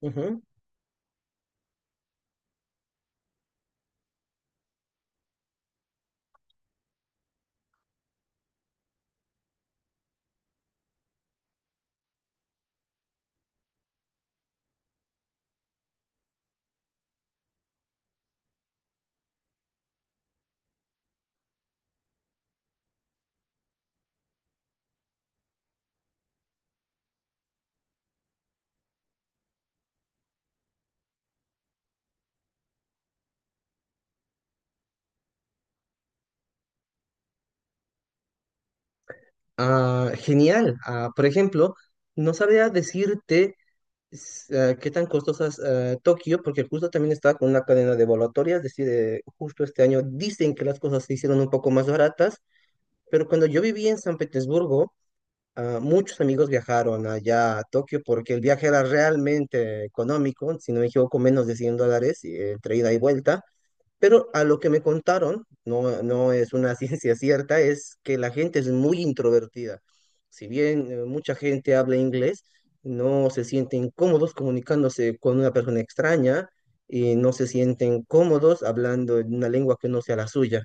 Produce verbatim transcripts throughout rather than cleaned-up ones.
Ujú. Ah, genial. Ah, por ejemplo, no sabía decirte s- ah, qué tan costosas ah, Tokio, porque justo también estaba con una cadena de volatorias, es decir, eh, justo este año dicen que las cosas se hicieron un poco más baratas, pero cuando yo vivía en San Petersburgo, ah, muchos amigos viajaron allá a Tokio porque el viaje era realmente económico, si no me equivoco, menos de cien dólares eh, entre ida y vuelta. Pero a lo que me contaron, no, no es una ciencia cierta, es que la gente es muy introvertida. Si bien eh, mucha gente habla inglés, no se sienten cómodos comunicándose con una persona extraña y no se sienten cómodos hablando en una lengua que no sea la suya.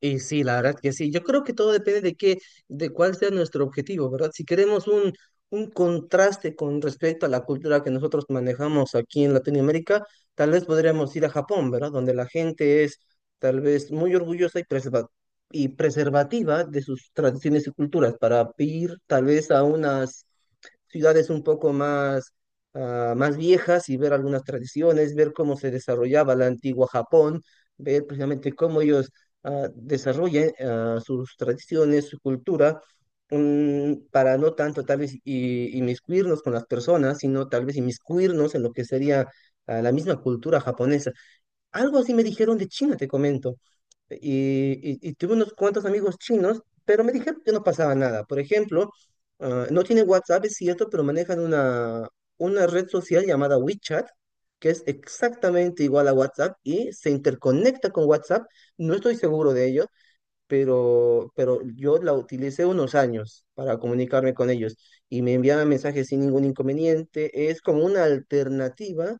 Y sí, la verdad que sí. Yo creo que todo depende de qué, de cuál sea nuestro objetivo, ¿verdad? Si queremos un, un, contraste con respecto a la cultura que nosotros manejamos aquí en Latinoamérica, tal vez podríamos ir a Japón, ¿verdad? Donde la gente es tal vez muy orgullosa y, preserva- y preservativa de sus tradiciones y culturas para ir tal vez a unas ciudades un poco más, ah, más viejas y ver algunas tradiciones, ver cómo se desarrollaba la antigua Japón, ver precisamente cómo ellos ah, desarrollen ah, sus tradiciones, su cultura, mm, para no tanto tal vez i- inmiscuirnos con las personas, sino tal vez inmiscuirnos en lo que sería ah, la misma cultura japonesa. Algo así me dijeron de China, te comento. Y, y- y tuve unos cuantos amigos chinos, pero me dijeron que no pasaba nada. Por ejemplo, ah, no tienen WhatsApp, es cierto, pero manejan una, una red social llamada WeChat, que es exactamente igual a WhatsApp y se interconecta con WhatsApp. No estoy seguro de ello, pero, pero yo la utilicé unos años para comunicarme con ellos y me enviaban mensajes sin ningún inconveniente. Es como una alternativa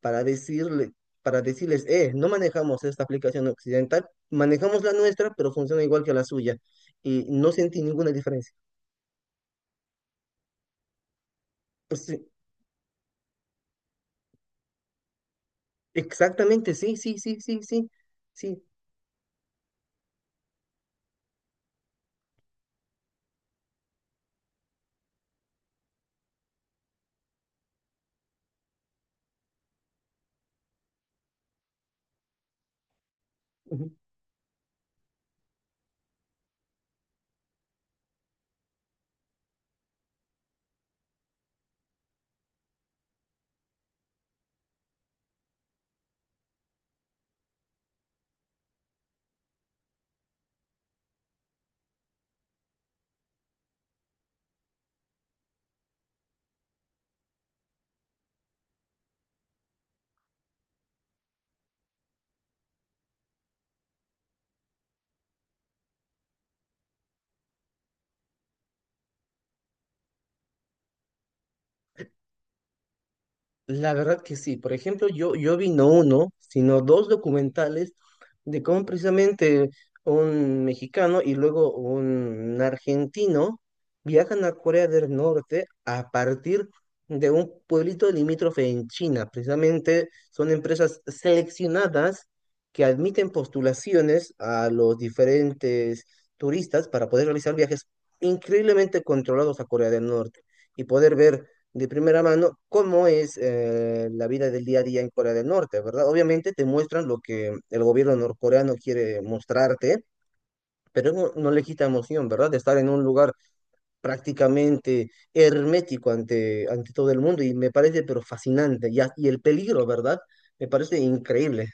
para decirle, para decirles, eh, no manejamos esta aplicación occidental, manejamos la nuestra, pero funciona igual que la suya. Y no sentí ninguna diferencia. Pues sí, exactamente, sí, sí, sí, sí, sí, sí. Ujú. La verdad que sí. Por ejemplo, yo, yo vi no uno, sino dos documentales de cómo precisamente un mexicano y luego un argentino viajan a Corea del Norte a partir de un pueblito limítrofe en China. Precisamente son empresas seleccionadas que admiten postulaciones a los diferentes turistas para poder realizar viajes increíblemente controlados a Corea del Norte y poder ver de primera mano cómo es eh, la vida del día a día en Corea del Norte, ¿verdad? Obviamente te muestran lo que el gobierno norcoreano quiere mostrarte, pero no, no le quita emoción, ¿verdad? De estar en un lugar prácticamente hermético ante, ante todo el mundo y me parece pero fascinante y, a- y el peligro, ¿verdad? Me parece increíble.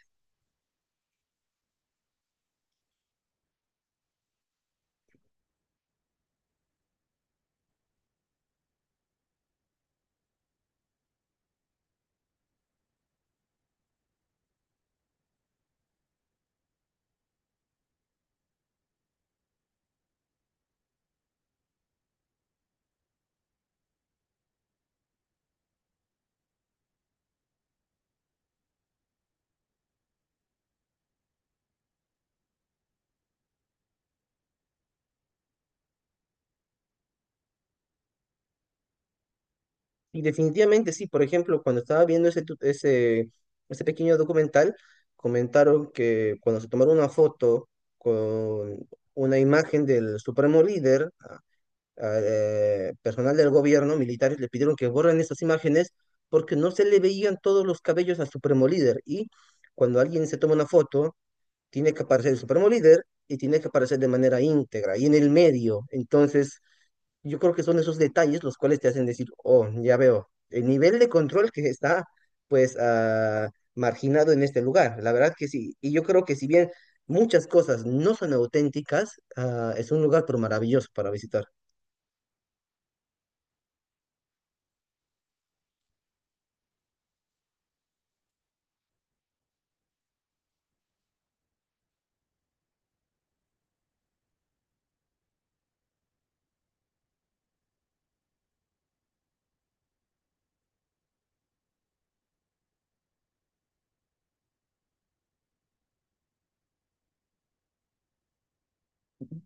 Y definitivamente sí, por ejemplo, cuando estaba viendo ese, tu- ese, ese pequeño documental, comentaron que cuando se tomaron una foto con una imagen del supremo líder, ah, eh, personal del gobierno, militares, le pidieron que borren esas imágenes porque no se le veían todos los cabellos al supremo líder. Y cuando alguien se toma una foto, tiene que aparecer el supremo líder y tiene que aparecer de manera íntegra y en el medio. Entonces, yo creo que son esos detalles los cuales te hacen decir, oh, ya veo, el nivel de control que está, pues, ah, marginado en este lugar. La verdad que sí. Y yo creo que si bien muchas cosas no son auténticas, ah, es un lugar pero maravilloso para visitar.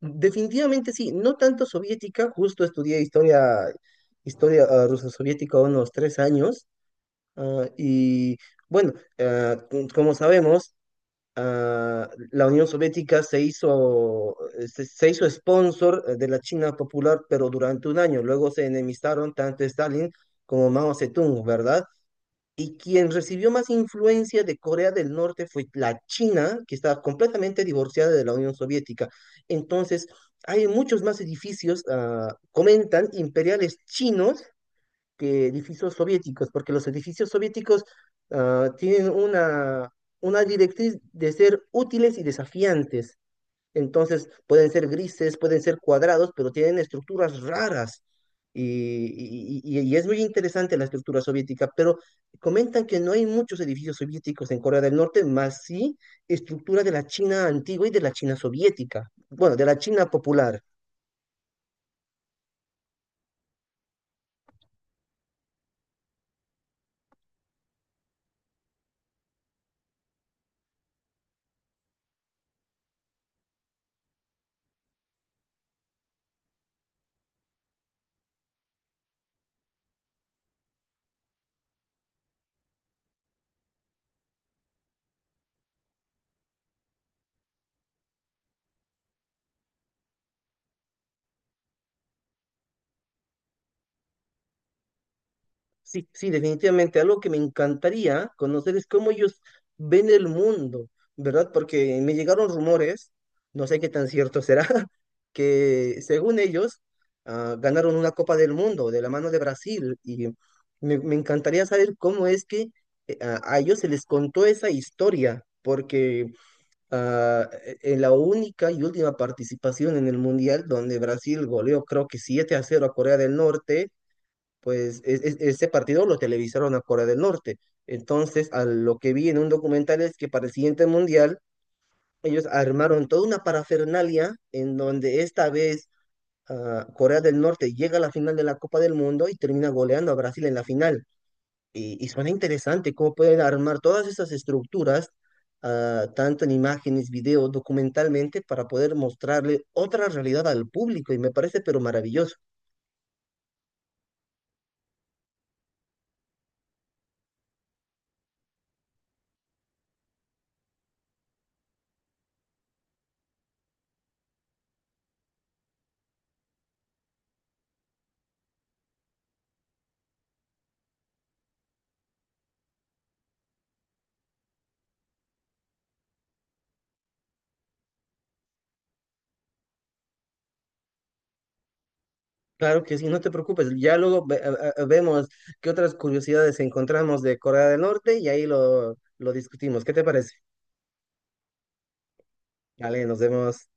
Definitivamente sí, no tanto soviética, justo estudié historia, historia ah, rusa soviética unos tres años. ah, y bueno, ah, c- como sabemos, ah, la Unión Soviética se hizo, se, se hizo sponsor eh, de la China Popular, pero durante un año. Luego se enemistaron tanto Stalin como Mao Zedong, ¿verdad? Y quien recibió más influencia de Corea del Norte fue la China, que estaba completamente divorciada de la Unión Soviética. Entonces, hay muchos más edificios, ah, comentan, imperiales chinos que edificios soviéticos, porque los edificios soviéticos ah, tienen una, una directriz de ser útiles y desafiantes. Entonces, pueden ser grises, pueden ser cuadrados, pero tienen estructuras raras. Y, y- y- y es muy interesante la estructura soviética, pero comentan que no hay muchos edificios soviéticos en Corea del Norte, más sí estructura de la China antigua y de la China soviética, bueno, de la China popular. Sí, sí, definitivamente. Algo que me encantaría conocer es cómo ellos ven el mundo, ¿verdad? Porque me llegaron rumores, no sé qué tan cierto será, que según ellos ah, ganaron una Copa del Mundo de la mano de Brasil. Y me, me encantaría saber cómo es que eh, a, a ellos se les contó esa historia, porque ah, e- en la única y última participación en el Mundial donde Brasil goleó creo que siete a cero a Corea del Norte pues es- es- ese partido lo televisaron a Corea del Norte. Entonces, a lo que vi en un documental es que para el siguiente mundial, ellos armaron toda una parafernalia en donde esta vez ah, Corea del Norte llega a la final de la Copa del Mundo y termina goleando a Brasil en la final. Y, y suena interesante cómo pueden armar todas esas estructuras, ah, tanto en imágenes, video, documentalmente, para poder mostrarle otra realidad al público. Y me parece pero maravilloso. Claro que sí, no te preocupes. Ya luego ve- a- a- vemos qué otras curiosidades encontramos de Corea del Norte y ahí lo, lo discutimos. ¿Qué te parece? Vale, nos vemos.